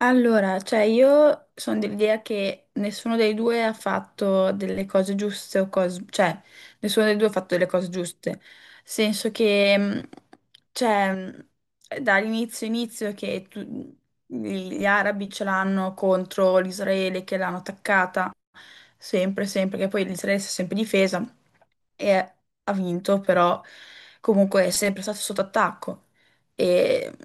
Allora, cioè io sono dell'idea che nessuno dei due ha fatto delle cose giuste o cose, cioè nessuno dei due ha fatto delle cose giuste. Nel senso che, cioè, dall'inizio inizio gli arabi ce l'hanno contro l'Israele che l'hanno attaccata, sempre, sempre, che poi l'Israele si è sempre difesa e ha vinto, però comunque è sempre stato sotto attacco. E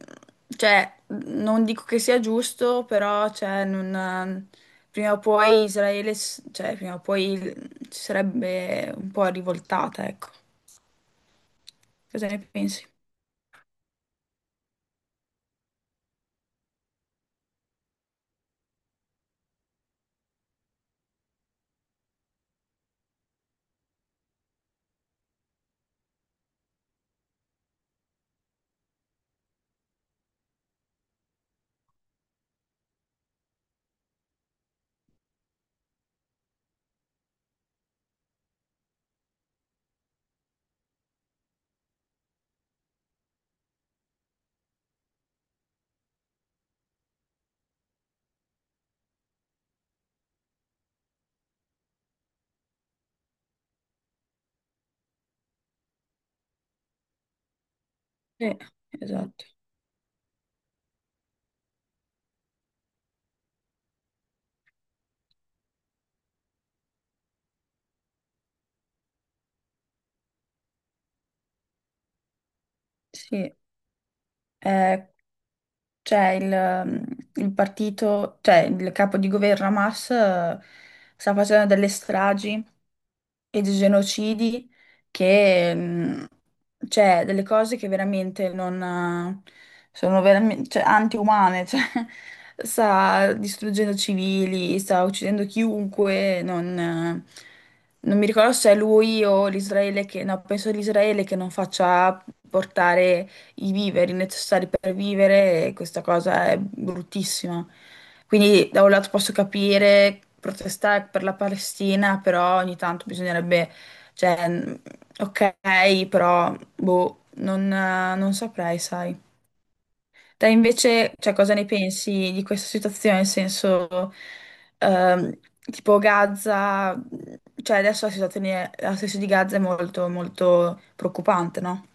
cioè, non dico che sia giusto, però cioè, prima o poi Israele, cioè, prima o poi si sarebbe un po' rivoltata, ecco. Cosa ne pensi? Sì, esatto. Sì, eh, cioè, il partito, cioè il capo di governo Hamas, sta facendo delle stragi e dei genocidi che, cioè, delle cose che veramente non eh, sono veramente, cioè, antiumane, cioè, sta distruggendo civili, sta uccidendo chiunque, non mi ricordo se è lui o l'Israele che, no, penso l'Israele che non faccia portare i viveri necessari per vivere e questa cosa è bruttissima. Quindi da un lato posso capire protestare per la Palestina, però ogni tanto bisognerebbe, cioè, ok, però boh, non saprei, sai. Te invece, cioè, cosa ne pensi di questa situazione? Nel senso, ehm, tipo Gaza, cioè adesso la situazione di Gaza è molto, molto preoccupante, no?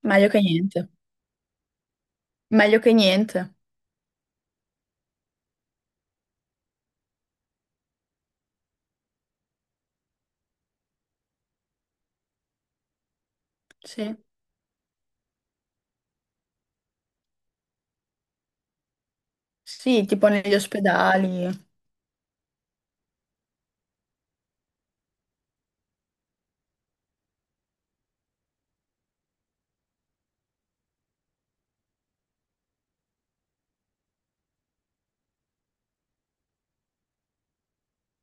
Meglio che niente. Meglio che niente. Sì, sì, tipo negli ospedali.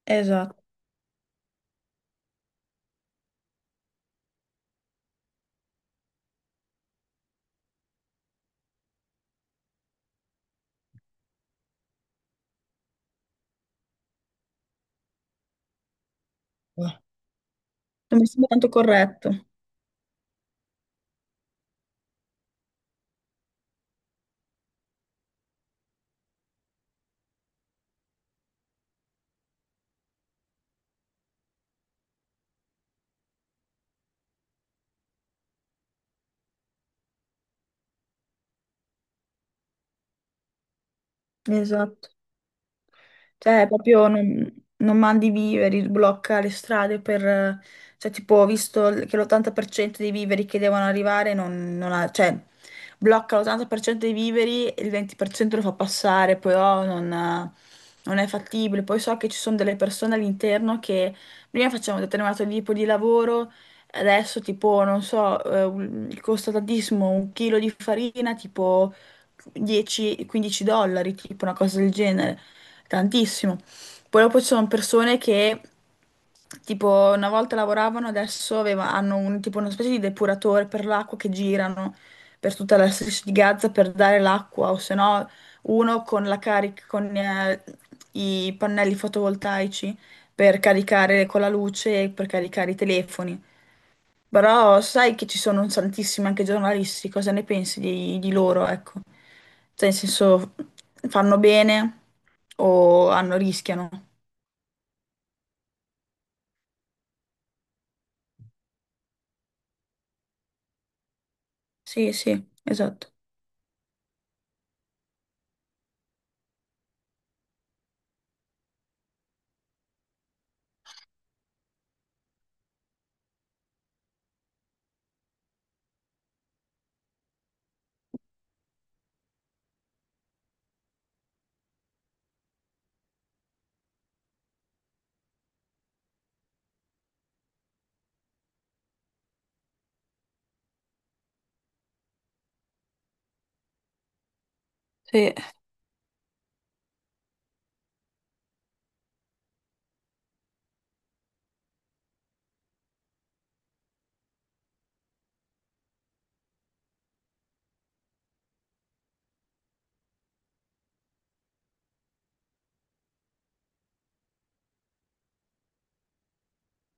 Esatto. Ah, non mi sembra tanto corretto. Esatto. Cioè, proprio non mandi i viveri, blocca le strade per, cioè, tipo, ho visto che l'80% dei viveri che devono arrivare non ha. Cioè, blocca l'80% dei viveri e il 20% lo fa passare, poi oh, non è fattibile. Poi so che ci sono delle persone all'interno che prima facevano un determinato tipo di lavoro, adesso, tipo, non so, costa tantissimo un chilo di farina, tipo, 10-15 dollari, tipo una cosa del genere tantissimo. Poi dopo ci sono persone che tipo una volta lavoravano, adesso hanno tipo una specie di depuratore per l'acqua che girano per tutta la striscia di Gaza per dare l'acqua, o se no uno con la carica, con i pannelli fotovoltaici per caricare con la luce e per caricare i telefoni. Però sai che ci sono un tantissimi anche giornalisti, cosa ne pensi di loro, ecco? Cioè, nel senso, fanno bene o hanno, rischiano. Sì, sì, esatto. Sì.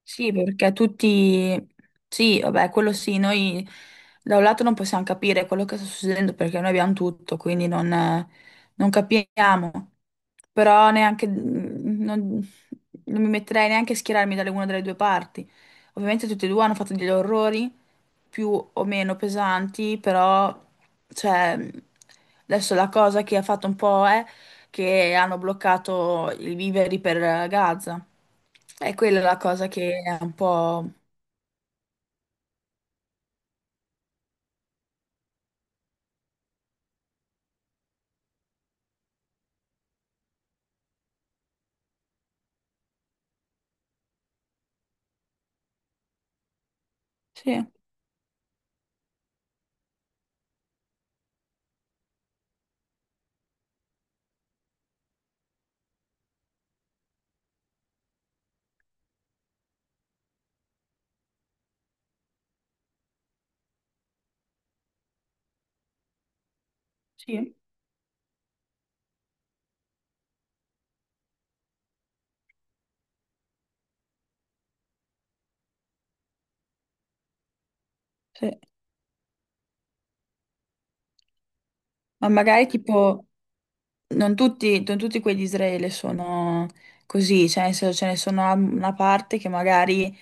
Sì, perché tutti. Sì, vabbè, quello sì, noi da un lato non possiamo capire quello che sta succedendo perché noi abbiamo tutto, quindi non capiamo. Però neanche, non mi metterei neanche a schierarmi dalle una delle due parti. Ovviamente tutti e due hanno fatto degli orrori più o meno pesanti, però. Cioè, adesso la cosa che ha fatto un po' è, che hanno bloccato i viveri per Gaza. E quella è la cosa che è un po'. Sì, sì, sì. Ma magari tipo, non tutti, non tutti quelli di Israele sono così, cioè nel senso, ce ne sono una parte che magari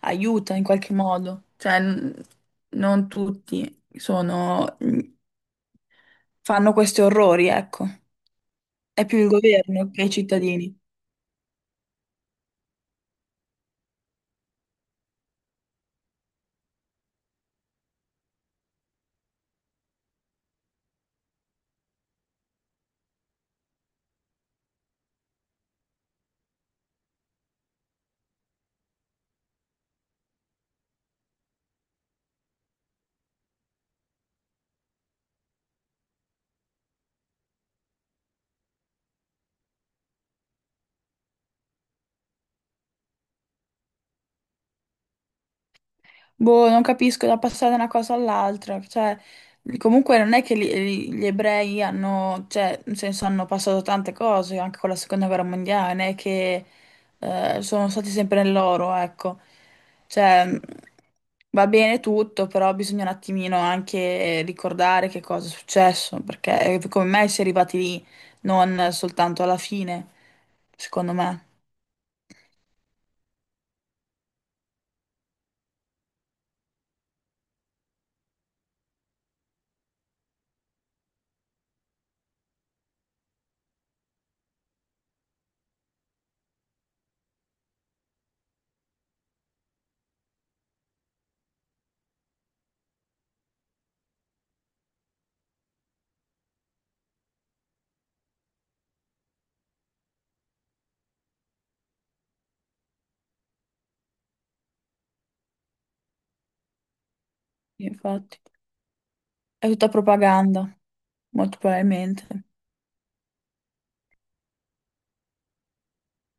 aiuta in qualche modo, cioè non tutti sono, fanno questi orrori, ecco. È più il governo che i cittadini. Boh, non capisco da passare da una cosa all'altra, cioè, comunque non è che gli ebrei hanno, cioè, nel senso hanno passato tante cose, anche con la seconda guerra mondiale, non è che sono stati sempre nel loro, ecco. Cioè, va bene tutto, però bisogna un attimino anche ricordare che cosa è successo, perché come mai si è arrivati lì, non soltanto alla fine, secondo me. Sì, infatti, è tutta propaganda, molto probabilmente.